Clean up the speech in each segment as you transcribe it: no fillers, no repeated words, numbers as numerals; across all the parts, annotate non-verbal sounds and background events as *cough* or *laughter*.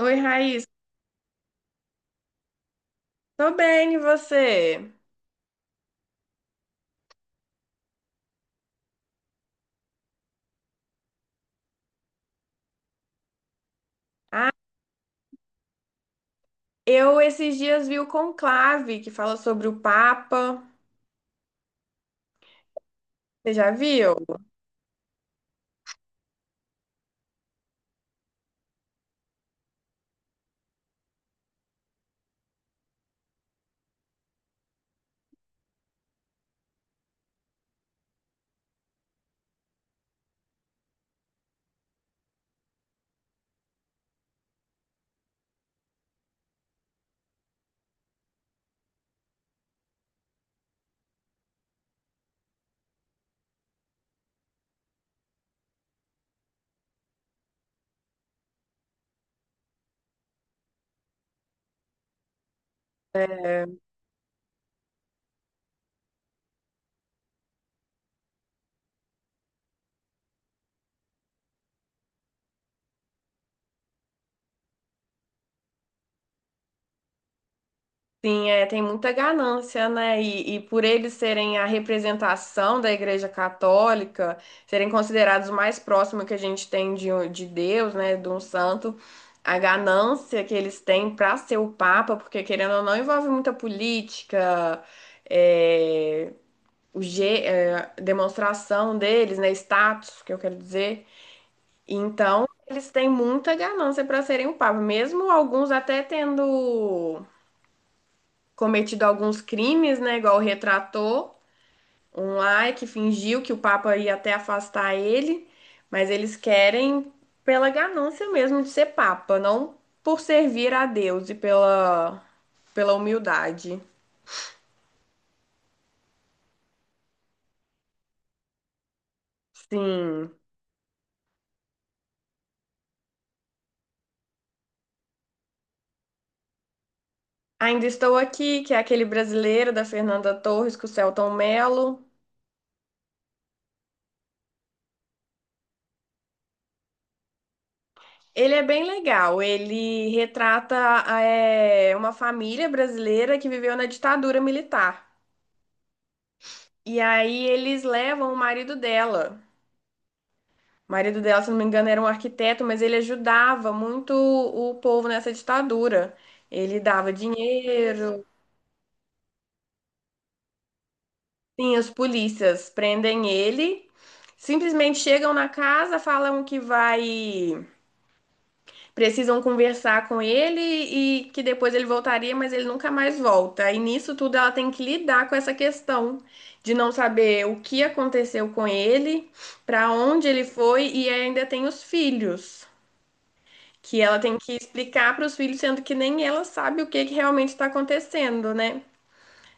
Oi, Raíssa. Tô bem, e você? Eu esses dias vi o Conclave, que fala sobre o Papa. Você já viu? É, sim, é, tem muita ganância, né? E por eles serem a representação da Igreja Católica, serem considerados o mais próximo que a gente tem de Deus, né? De um santo, a ganância que eles têm para ser o Papa, porque querendo ou não, envolve muita política. é, o G, é, demonstração deles, né? Status, que eu quero dizer. Então, eles têm muita ganância para serem o Papa, mesmo alguns até tendo cometido alguns crimes, né? Igual retratou um lá que fingiu que o Papa ia até afastar ele, mas eles querem pela ganância mesmo de ser Papa, não por servir a Deus e pela humildade. Sim. Ainda Estou Aqui, que é aquele brasileiro da Fernanda Torres com o Selton Mello. Ele é bem legal, ele retrata uma família brasileira que viveu na ditadura militar. E aí eles levam o marido dela. O marido dela, se não me engano, era um arquiteto, mas ele ajudava muito o povo nessa ditadura. Ele dava dinheiro. Sim, as polícias prendem ele, simplesmente chegam na casa, falam que vai precisam conversar com ele e que depois ele voltaria, mas ele nunca mais volta. E nisso tudo ela tem que lidar com essa questão de não saber o que aconteceu com ele, para onde ele foi e ainda tem os filhos, que ela tem que explicar para os filhos, sendo que nem ela sabe o que que realmente está acontecendo, né?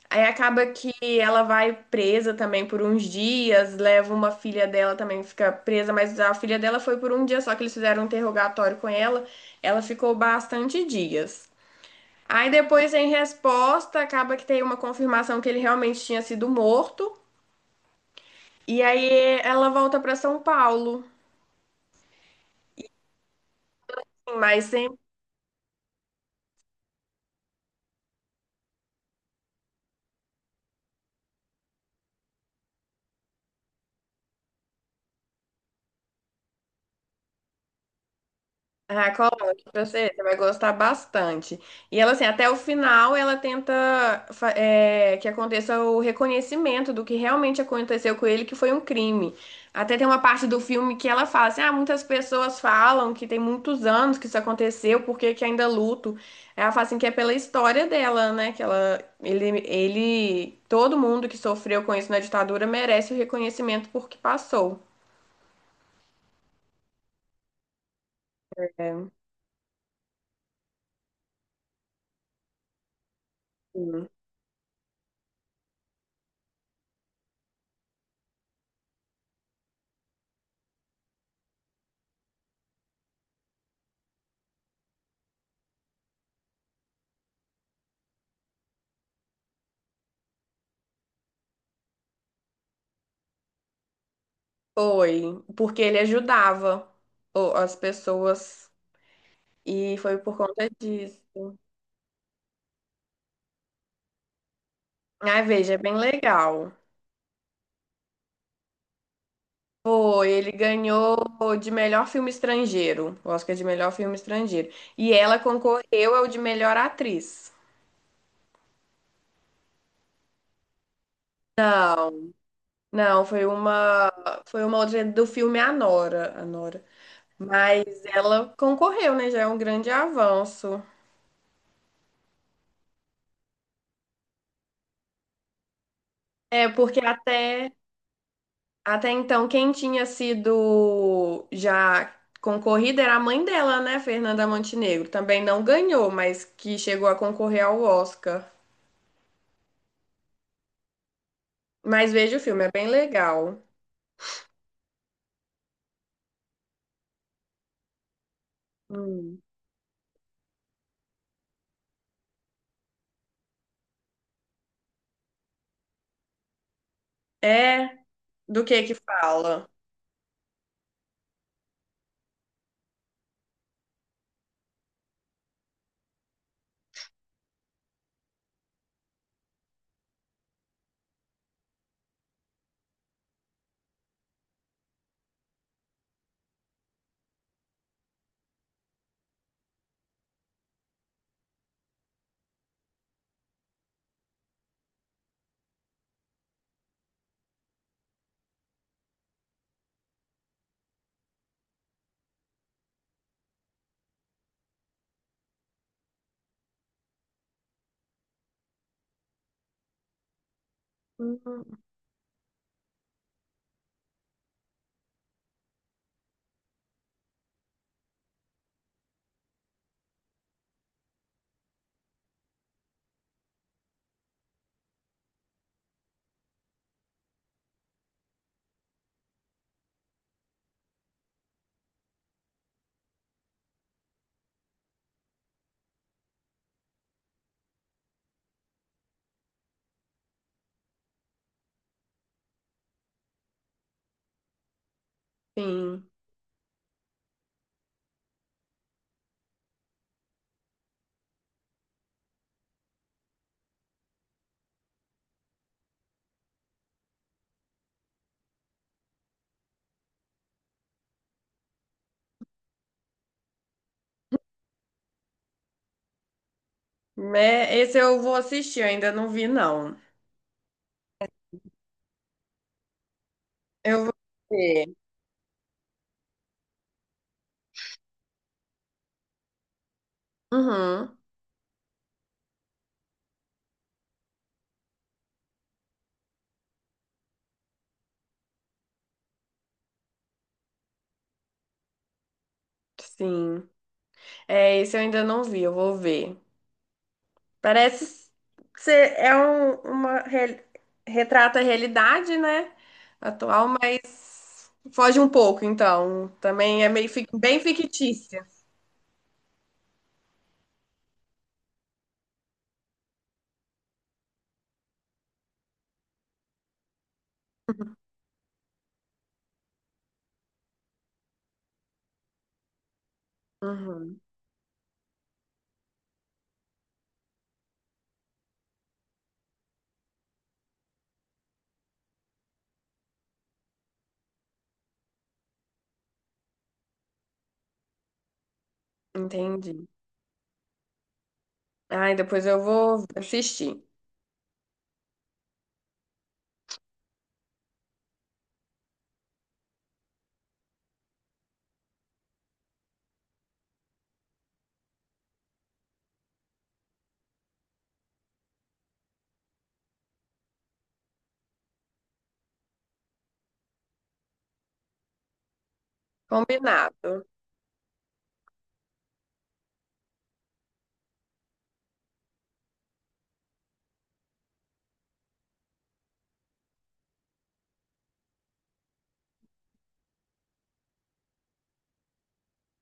Aí acaba que ela vai presa também por uns dias, leva uma filha dela também, fica presa, mas a filha dela foi por um dia só que eles fizeram um interrogatório com ela, ela ficou bastante dias. Aí depois, em resposta, acaba que tem uma confirmação que ele realmente tinha sido morto, e aí ela volta para São Paulo, mas sem. Ah, coloque pra você, você vai gostar bastante. E ela, assim, até o final, ela tenta que aconteça o reconhecimento do que realmente aconteceu com ele, que foi um crime. Até tem uma parte do filme que ela fala assim: ah, muitas pessoas falam que tem muitos anos que isso aconteceu, por que que ainda luto? Ela fala assim que é pela história dela, né? Que ele, todo mundo que sofreu com isso na ditadura merece o reconhecimento por que passou. É. Foi, porque ele ajudava as pessoas e foi por conta disso. Ah, veja, é bem legal. Foi, ele ganhou de melhor filme estrangeiro, o Oscar de melhor filme estrangeiro. E ela concorreu ao de melhor atriz. Não, não, foi uma outra do filme Anora, Anora. Mas ela concorreu, né? Já é um grande avanço. É, porque até Até então, quem tinha sido já concorrida era a mãe dela, né, Fernanda Montenegro. Também não ganhou, mas que chegou a concorrer ao Oscar. Mas veja o filme, é bem legal. Hum. É, do que fala? Hum, Sim. É, esse eu vou assistir, eu ainda não vi, não. Eu vou ver. Uhum, sim. É, esse eu ainda não vi, eu vou ver. Parece ser retrata a realidade, né? Atual, mas foge um pouco, então. Também é bem fictícia. *laughs* Uhum, entendi. Ai, depois eu vou assistir. Combinado.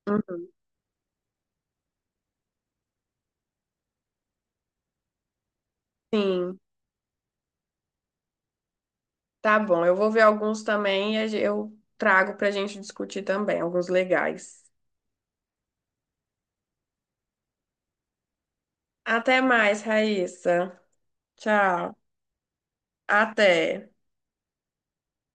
Uhum, sim, tá bom. Eu vou ver alguns também e eu trago pra gente discutir também, alguns legais. Até mais, Raíssa. Tchau. Até.